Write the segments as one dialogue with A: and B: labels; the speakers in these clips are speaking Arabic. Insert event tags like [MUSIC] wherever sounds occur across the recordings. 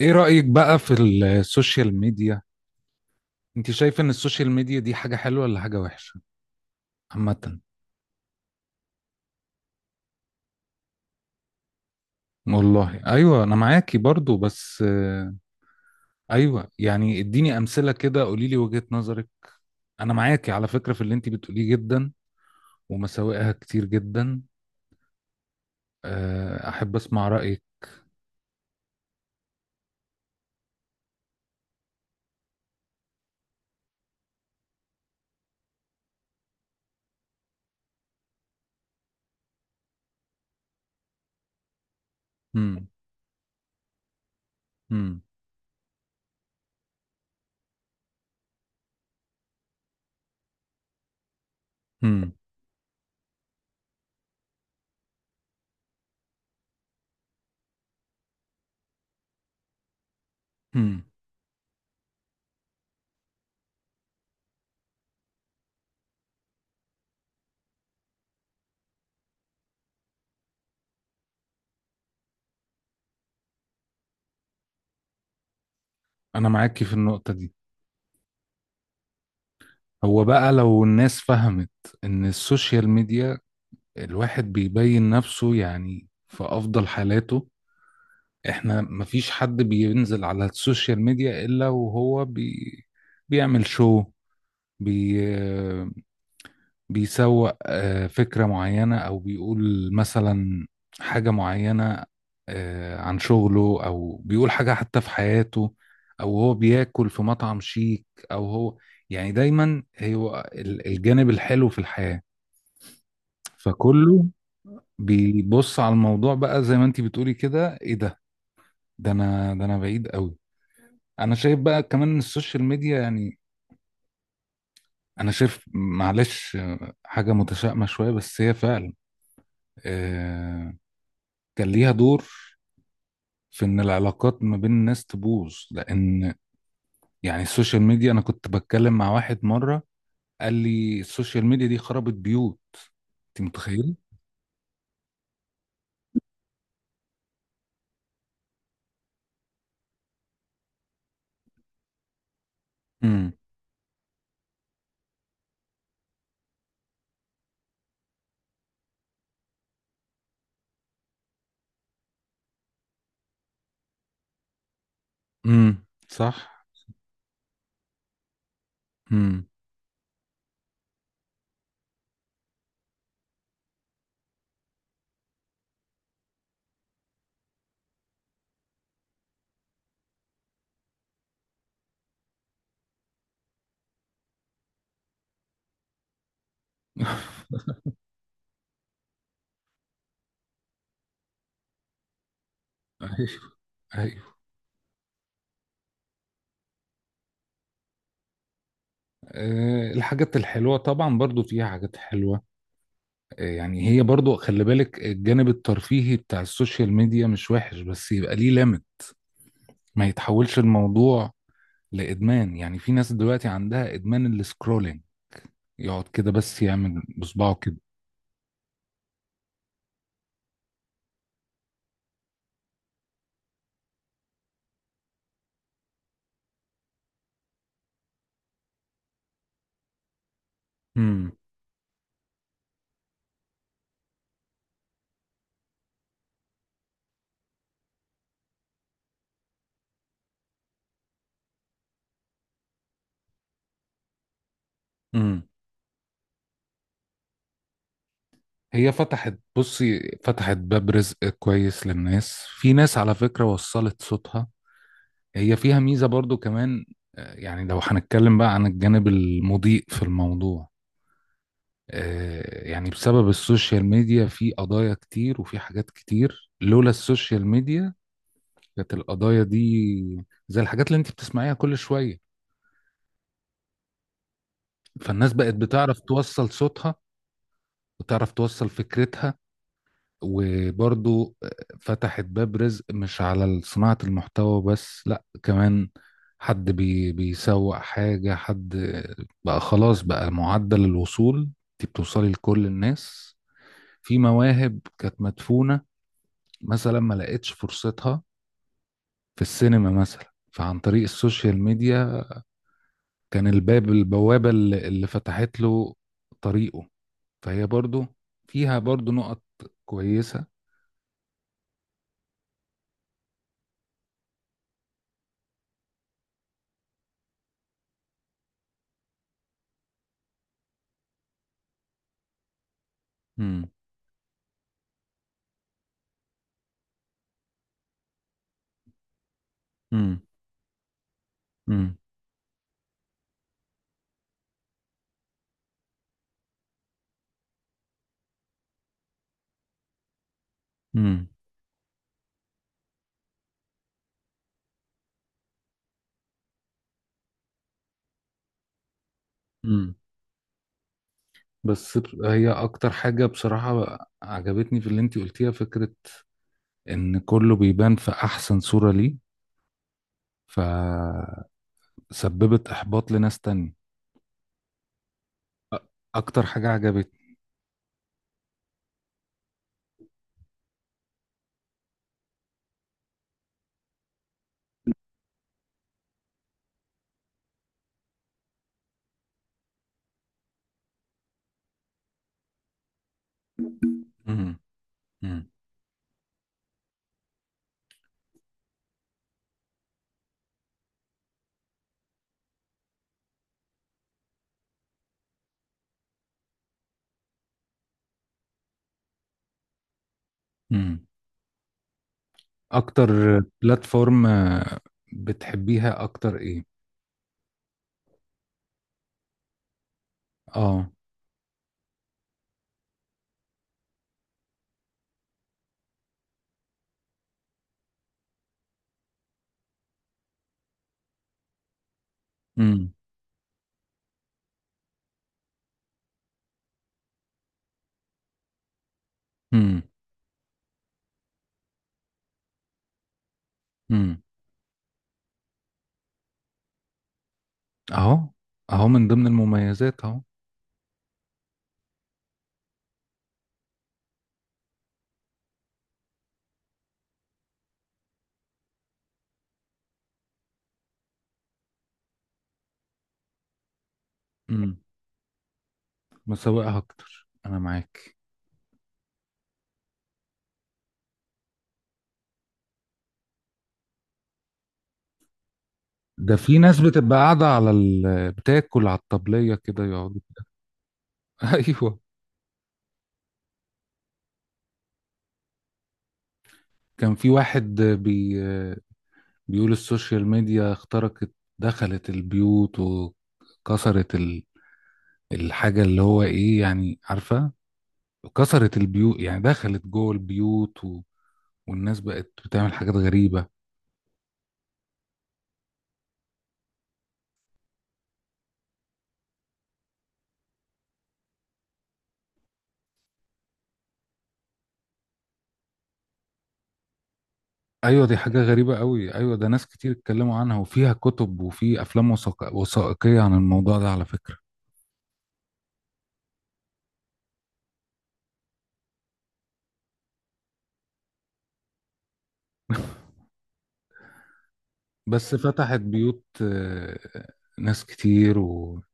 A: ايه رأيك بقى في السوشيال ميديا؟ انت شايف ان السوشيال ميديا دي حاجة حلوة ولا حاجة وحشة عامة؟ والله ايوه انا معاكي برضو بس ايوه يعني اديني امثلة كده، قولي لي وجهة نظرك. انا معاكي على فكرة في اللي انت بتقوليه جدا، ومساوئها كتير جدا. احب اسمع رأيك. هم. هم. هم. هم. انا معاكي في النقطة دي. هو بقى لو الناس فهمت ان السوشيال ميديا، الواحد بيبين نفسه يعني في افضل حالاته. احنا مفيش حد بينزل على السوشيال ميديا الا وهو بيعمل شو، بي بيسوق فكرة معينة، او بيقول مثلا حاجة معينة، عن شغله، او بيقول حاجة حتى في حياته، او هو بياكل في مطعم شيك، او هو يعني دايما هو الجانب الحلو في الحياة. فكله بيبص على الموضوع بقى زي ما انتي بتقولي كده، ايه ده؟ ده انا بعيد قوي. انا شايف بقى كمان إن السوشيال ميديا يعني، انا شايف معلش حاجه متشائمه شويه، بس هي فعلا آه، كان ليها دور في ان العلاقات ما بين الناس تبوظ، لان يعني السوشيال ميديا، انا كنت بتكلم مع واحد مره، قال لي السوشيال ميديا دي خربت بيوت. انت متخيل؟ امم. امم. صح. امم. ايوه. ايوه. أه، الحاجات الحلوه طبعا برضو فيها حاجات حلوه. يعني هي برضو خلي بالك، الجانب الترفيهي بتاع السوشيال ميديا مش وحش، بس يبقى ليه ليميت. ما يتحولش الموضوع لإدمان، يعني في ناس دلوقتي عندها إدمان السكرولينج. يقعد كده بس يعمل بصبعه كده. امم. امم. هي فتحت، بصي، فتحت باب رزق كويس للناس، في ناس على فكرة وصلت صوتها. هي فيها ميزة برضو كمان. يعني لو هنتكلم بقى عن الجانب المضيء في الموضوع، يعني بسبب السوشيال ميديا في قضايا كتير، وفي حاجات كتير لولا السوشيال ميديا كانت القضايا دي زي الحاجات اللي انت بتسمعيها كل شوية. فالناس بقت بتعرف توصل صوتها، وتعرف توصل فكرتها. وبرضو فتحت باب رزق، مش على صناعة المحتوى بس، لا كمان حد بيسوق حاجة، حد بقى خلاص، بقى معدل الوصول انت بتوصلي لكل الناس. في مواهب كانت مدفونة مثلا ما لقيتش فرصتها في السينما، مثلا فعن طريق السوشيال ميديا كان الباب، البوابة اللي فتحت له طريقه. فهي برضو فيها برضو نقط كويسة. امم. امم. امم. امم. امم. بس هي اكتر حاجة بصراحة عجبتني في اللي انتي قلتيها، فكرة ان كله بيبان في احسن صورة ليه، فسببت احباط لناس تانية. أ- اكتر حاجة عجبتني. امم. اكتر بلاتفورم بتحبيها اكتر ايه؟ اه. امم. امم. امم. اهو، اهو من ضمن المميزات اهو. امم. مسوقها اكتر، انا معاك. ده في ناس بتبقى قاعدة على بتاكل على الطبلية كده يقعدوا. [LAUGHS] ايوه. كان في واحد بيقول السوشيال ميديا اخترقت، دخلت البيوت وكسرت الحاجة اللي هو ايه يعني، عارفة، كسرت البيوت يعني دخلت جوه البيوت، والناس بقت بتعمل حاجات غريبة. ايوه دي حاجة غريبة قوي، ايوه، ده ناس كتير اتكلموا عنها، وفيها كتب، وفي افلام وثائقية عن الموضوع ده على فكرة. بس فتحت بيوت، ناس كتير، وبجد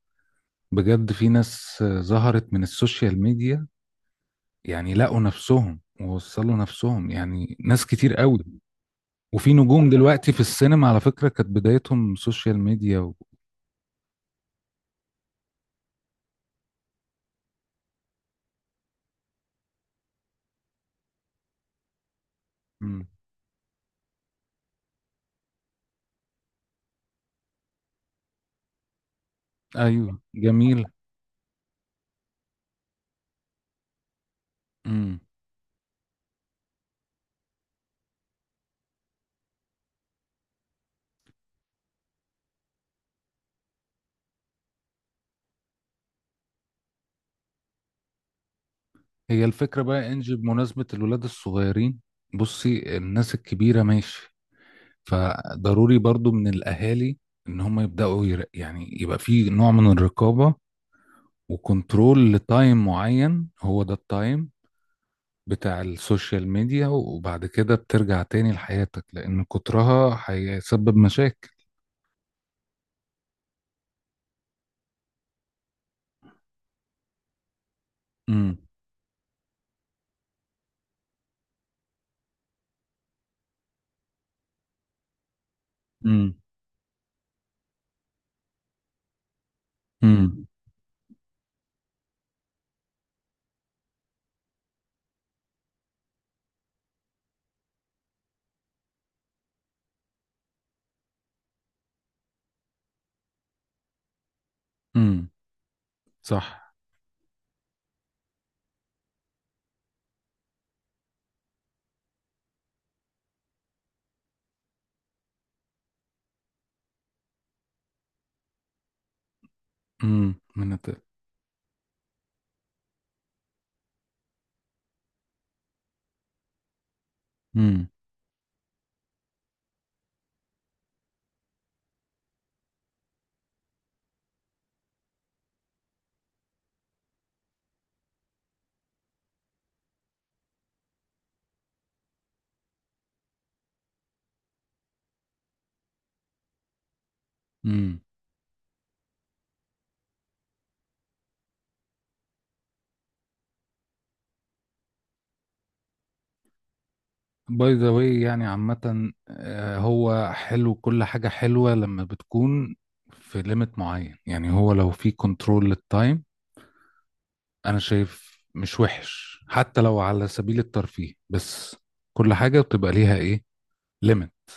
A: في ناس ظهرت من السوشيال ميديا، يعني لقوا نفسهم ووصلوا نفسهم، يعني ناس كتير قوي. وفي نجوم دلوقتي في السينما على فكرة كانت بدايتهم سوشيال ميديا و... مم. ايوه جميل. هي الفكرة بقى انجي، بمناسبة الولاد الصغيرين، بصي الناس الكبيرة ماشي، فضروري برضو من الأهالي إن هم يبدأوا يعني يبقى في نوع من الرقابة وكنترول لتايم معين، هو ده التايم بتاع السوشيال ميديا، وبعد كده بترجع تاني لحياتك، لأن كترها هيسبب مشاكل. امم. امم. امم. امم. صح. امم. امم. باي ذا واي يعني عامة، هو حلو، كل حاجة حلوة لما بتكون في ليميت معين، يعني هو لو في كنترول للتايم أنا شايف مش وحش، حتى لو على سبيل الترفيه، بس كل حاجة بتبقى ليها إيه، ليميت.